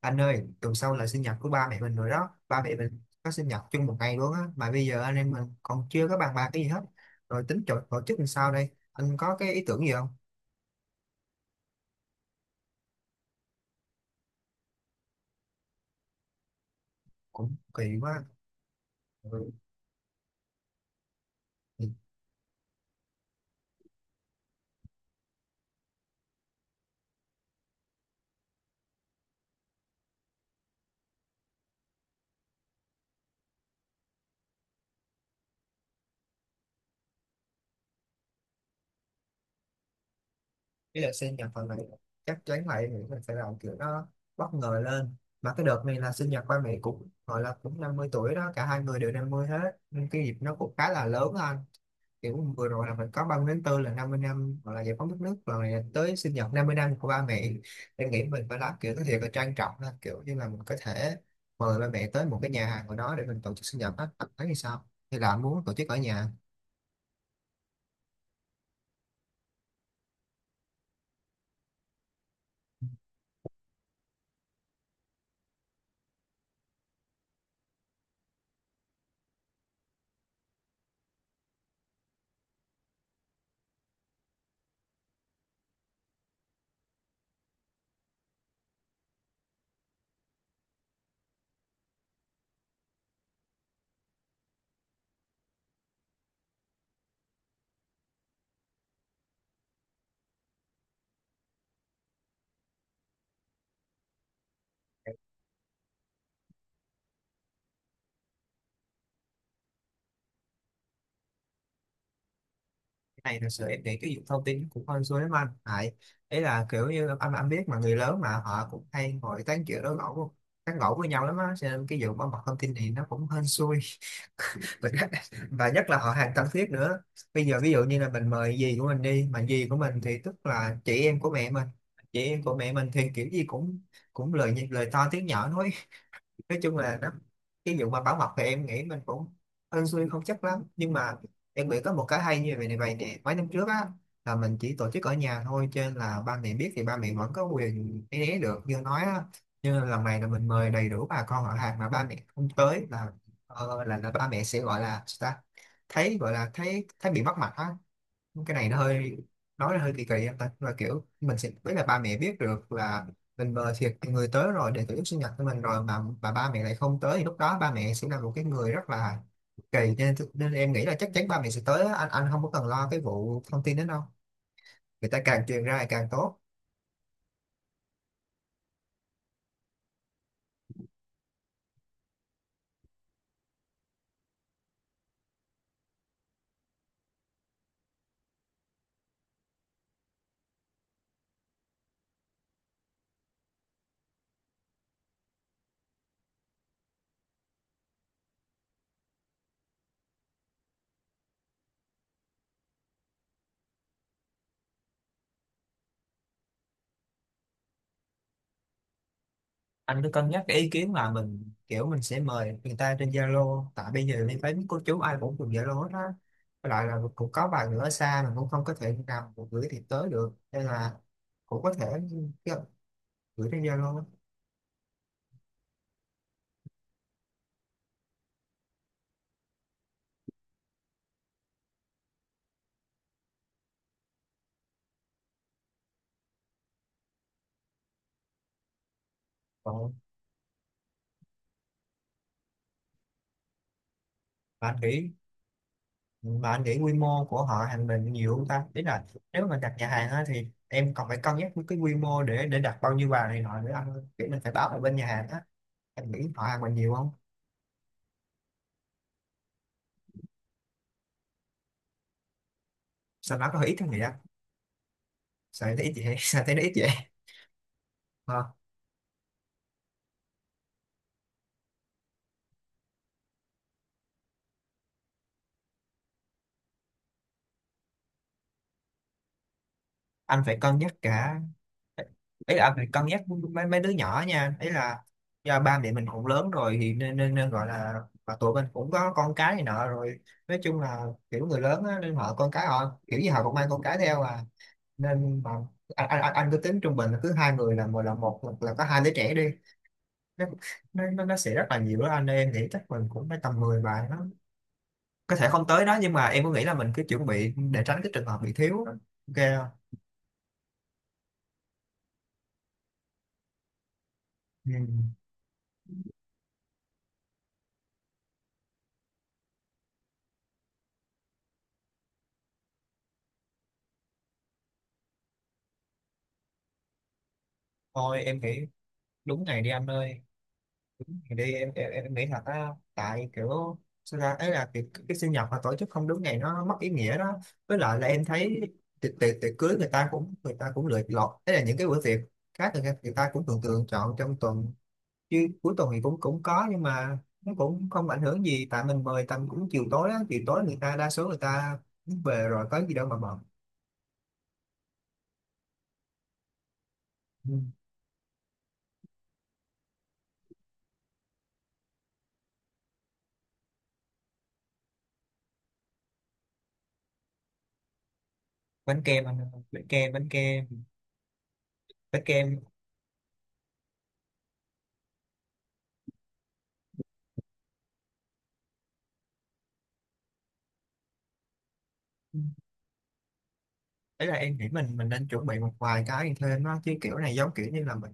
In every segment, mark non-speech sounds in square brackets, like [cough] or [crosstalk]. Anh ơi, tuần sau là sinh nhật của ba mẹ mình rồi đó. Ba mẹ mình có sinh nhật chung một ngày luôn á, mà bây giờ anh em mình còn chưa có bàn bạc cái gì hết. Rồi tính tổ chức làm sao đây, anh có cái ý tưởng gì không? Cũng kỳ quá. Ừ. Cái là sinh nhật phần này chắc chắn lại nghĩ mình phải làm kiểu nó bất ngờ lên. Mà cái đợt này là sinh nhật ba mẹ cũng gọi là cũng 50 tuổi đó, cả hai người đều 50 hết, nên cái dịp nó cũng khá là lớn á anh. Kiểu vừa rồi là mình có 30 tháng tư là 50 năm hoặc là giải phóng đất nước rồi, này tới sinh nhật 50 năm của ba mẹ. Em nghĩ mình phải làm kiểu có thiệt là trang trọng, là kiểu như là mình có thể mời ba mẹ tới một cái nhà hàng của nó để mình tổ chức sinh nhật á, bạn thấy như sao? Hay là muốn tổ chức ở nhà? Cái này thật sự em nghĩ cái việc thông tin cũng hơi rối lắm anh, tại ấy là kiểu như anh biết, mà người lớn mà họ cũng hay ngồi tán chuyện đó, tán gẫu với nhau lắm á, cho nên cái vụ bảo mật thông tin này nó cũng hên xui mình [laughs] và nhất là họ hàng thân thiết nữa. Bây giờ ví dụ như là mình mời dì của mình đi, mà dì của mình thì tức là chị em của mẹ mình, chị em của mẹ mình thì kiểu gì cũng cũng lời nhị- lời to tiếng nhỏ nói chung là nó, cái vụ mà bảo mật thì em nghĩ mình cũng hên xui không chắc lắm, nhưng mà em nghĩ có một cái hay như vậy này vậy nè, mấy năm trước á là mình chỉ tổ chức ở nhà thôi, cho nên là ba mẹ biết thì ba mẹ vẫn có quyền né né được như nói á. Nhưng mà lần này là mình mời đầy đủ bà con họ hàng mà ba mẹ không tới là ba mẹ sẽ gọi là sao ta, thấy gọi là thấy thấy bị mất mặt á. Cái này nó hơi nói là hơi kỳ kỳ em ta, là kiểu mình sẽ biết là ba mẹ biết được là mình mời thiệt người tới rồi để tổ chức sinh nhật của mình rồi, mà ba mẹ lại không tới thì lúc đó ba mẹ sẽ là một cái người rất là kỳ, nên nên em nghĩ là chắc chắn ba mẹ sẽ tới á. Anh không có cần lo cái vụ thông tin đó đâu, người ta càng truyền ra thì càng tốt. Anh cứ cân nhắc cái ý kiến là mình kiểu mình sẽ mời người ta trên Zalo, tại bây giờ mình thấy cô chú ai cũng dùng Zalo hết á. Với lại là cũng có vài người ở xa mình cũng không có thể nào mà gửi thiệp tới được, nên là cũng có thể gửi trên Zalo còn. Mà anh nghĩ mà anh nghĩ quy mô của họ hàng mình nhiều không ta, ý là nếu mà đặt nhà hàng á thì em còn phải cân nhắc với cái quy mô để đặt bao nhiêu bàn này nọ nữa anh ơi. Kiểu mình phải báo ở bên nhà hàng á, em nghĩ họ hàng mình nhiều không, sao nó có ít không vậy á, sao thấy ít vậy [laughs] sao thấy nó ít vậy. Ờ. Anh phải cân nhắc cả, ý là anh phải cân nhắc mấy mấy đứa nhỏ nha, ý là do ba mẹ mình cũng lớn rồi thì nên nên, nên gọi là, mà tụi mình cũng có con cái này nọ rồi, nói chung là kiểu người lớn á, nên họ con cái họ kiểu gì họ cũng mang con cái theo à. Nên mà anh cứ tính trung bình là cứ hai người là một là có hai đứa trẻ đi, nó nó sẽ rất là nhiều đó anh ơi. Em nghĩ chắc mình cũng phải tầm 10 bài nó có thể không tới đó, nhưng mà em có nghĩ là mình cứ chuẩn bị để tránh cái trường hợp bị thiếu đó. Ok không? Ừ. Thôi em nghĩ đúng ngày đi anh ơi, ngày đi em nghĩ thật á. Tại kiểu sao ra ấy là cái sinh nhật mà tổ chức không đúng ngày nó mất ý nghĩa đó. Với lại là em thấy tiệc tiệc tiệc cưới người ta cũng lựa lọt, ấy là những cái bữa tiệc khác người ta cũng thường thường chọn trong tuần, chứ cuối tuần thì cũng cũng có, nhưng mà nó cũng không ảnh hưởng gì, tại mình mời tầm cũng chiều tối á, chiều tối người ta đa số người ta về rồi, có gì đâu mà bận. Ừ. Bánh kem anh ơi, bánh kem bánh kem bánh kem. Đấy là em nghĩ mình nên chuẩn bị một vài cái thêm á, chứ kiểu này giống kiểu như là mình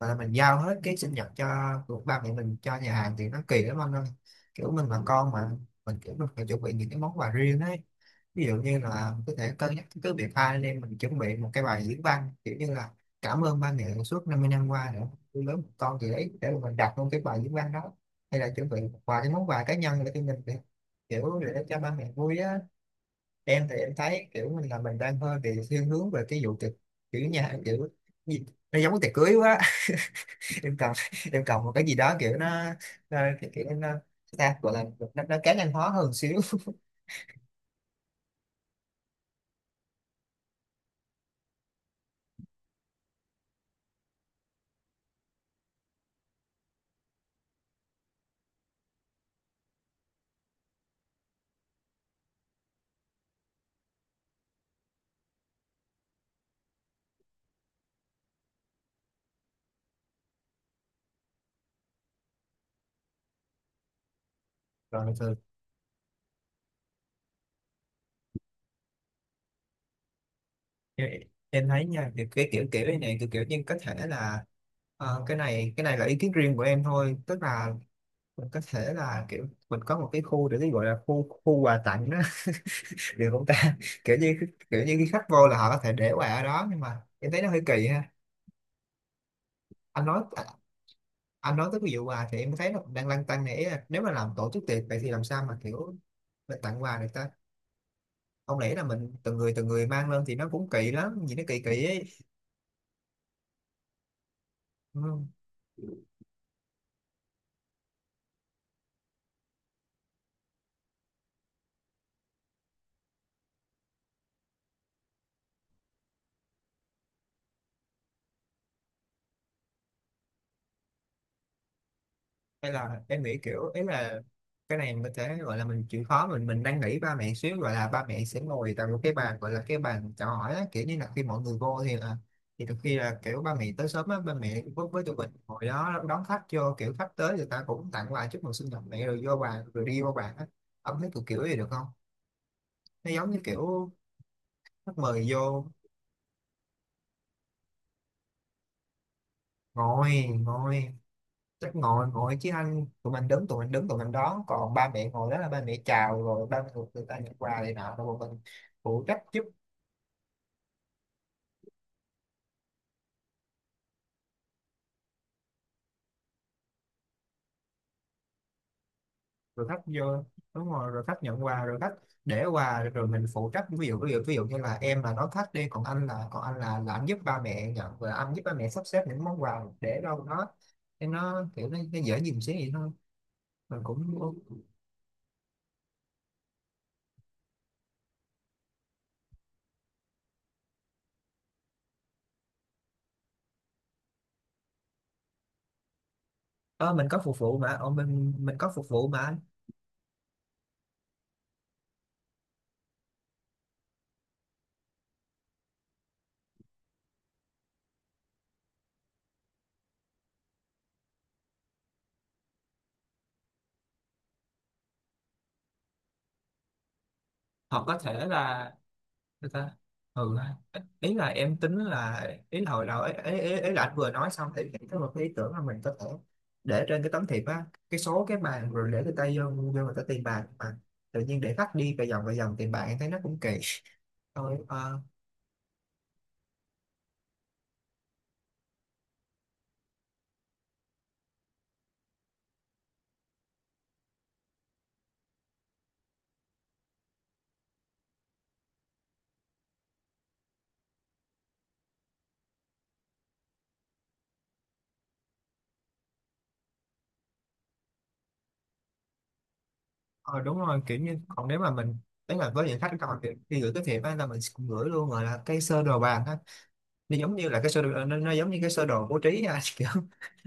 gọi là mình giao hết cái sinh nhật cho của ba mẹ mình cho nhà hàng thì nó kỳ lắm anh ơi. Kiểu mình là con mà, mình kiểu mình phải chuẩn bị những cái món quà riêng ấy, ví dụ như là có thể cân nhắc cứ việc hai anh em mình chuẩn bị một cái bài diễn văn, kiểu như là cảm ơn ba mẹ suốt 50 năm qua nữa nuôi lớn một con gì đấy, để mà mình đặt luôn cái bài diễn văn đó, hay là chuẩn bị một vài cái món quà cá nhân để cho mình, kiểu để cho ba mẹ vui á. Em thì em thấy kiểu mình là mình đang hơi bị thiên hướng về cái vụ tiệc, kiểu nhà kiểu gì? Nó giống cái tiệc cưới quá [laughs] em cần em cần một cái gì đó kiểu nó kiểu nó, sao gọi là nó cá nhân hóa hơn xíu. [laughs] Rồi thường em em thấy nha, thì cái kiểu kiểu này này kiểu kiểu nhưng có thể là, cái này là ý kiến riêng của em thôi, tức là mình có thể là kiểu mình có một cái khu để cái gọi là khu khu quà tặng đó [laughs] được không ta? Kiểu như khi khách vô là họ có thể để quà ở đó, nhưng mà em thấy nó hơi kỳ ha. Anh nói anh nói tới cái vụ quà thì em thấy nó cũng đang lăn tăn nè, ý là nếu mà làm tổ chức tiệc vậy thì làm sao mà kiểu mình tặng quà được ta? Không lẽ là mình từng người mang lên thì nó cũng kỳ lắm, nhìn nó kỳ kỳ ấy. Ừ. Hay là em nghĩ kiểu ấy là cái này mình có thể gọi là mình chịu khó mình đang nghĩ ba mẹ xíu, gọi là ba mẹ sẽ ngồi tại một cái bàn gọi là cái bàn chào hỏi á, kiểu như là khi mọi người vô thì là, thì đôi khi là kiểu ba mẹ tới sớm á, ba mẹ với tụi mình ngồi đó đón khách vô, kiểu khách tới người ta cũng tặng quà chúc mừng sinh nhật mẹ rồi vô bàn rồi đi vô bàn á. Ông thấy kiểu kiểu gì được không, nó giống như kiểu khách mời vô, ngồi ngồi, chắc ngồi ngồi chứ anh, tụi mình đứng tụi mình đón, còn ba mẹ ngồi đó là ba mẹ chào rồi ba mẹ người ta nhận quà này nọ rồi bọn mình phụ trách giúp, rồi khách vô. Đúng rồi, rồi khách nhận quà rồi khách để quà rồi mình phụ trách. Ví dụ như là em là nói khách đi, còn anh là anh giúp ba mẹ nhận và anh giúp ba mẹ sắp xếp những món quà để đâu, nó để nó kiểu nó dễ dìm xíu vậy thôi. Mình cũng ờ, mình có phục vụ mà, mình có phục vụ mà anh. Hoặc có thể là, thế ta? Ừ ha. Ý là em tính là, ý là hồi đầu ấy là anh vừa nói xong thì em có một cái ý tưởng là mình có thể để trên cái tấm thiệp á cái số cái bàn, rồi để cái tay vô vô người ta tiền bạc mà, tự nhiên để khách đi vài vòng tiền bạc em thấy nó cũng kỳ, thôi ờ ờ, Đúng rồi, kiểu như còn nếu mà mình, đấy là với những khách còn thì gửi cái thiệp á là mình cũng gửi luôn gọi là cái sơ đồ bàn á, nó giống như là cái sơ đồ nó giống như cái sơ đồ bố trí á [laughs]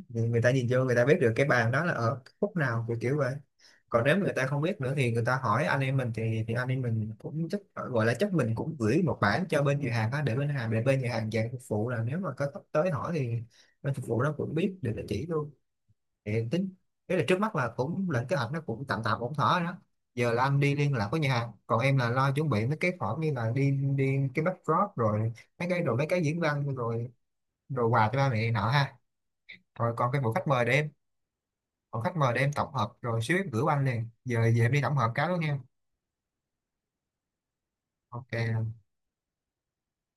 nhưng người ta nhìn vô người ta biết được cái bàn đó là ở khúc nào kiểu kiểu vậy. Còn nếu người ta không biết nữa thì người ta hỏi anh em mình thì anh em mình cũng chắc gọi là chắc mình cũng gửi một bản cho bên nhà hàng đó để bên nhà hàng dàn phục vụ là, nếu mà có khách tới hỏi thì bên phục vụ nó cũng biết để nó chỉ luôn. Thì tính thế là trước mắt là cũng lên kế hoạch nó cũng tạm tạm ổn thỏa rồi đó. Giờ là anh đi liên lạc với nhà hàng, còn em là lo chuẩn bị mấy cái khoản như là đi đi cái backdrop, rồi mấy cái đồ mấy cái diễn văn, rồi đồ quà cho ba mẹ nọ ha. Rồi còn cái bộ khách mời để em, còn khách mời đem tổng hợp rồi xíu em gửi qua anh liền, giờ về em đi tổng hợp cái đó nha. Ok.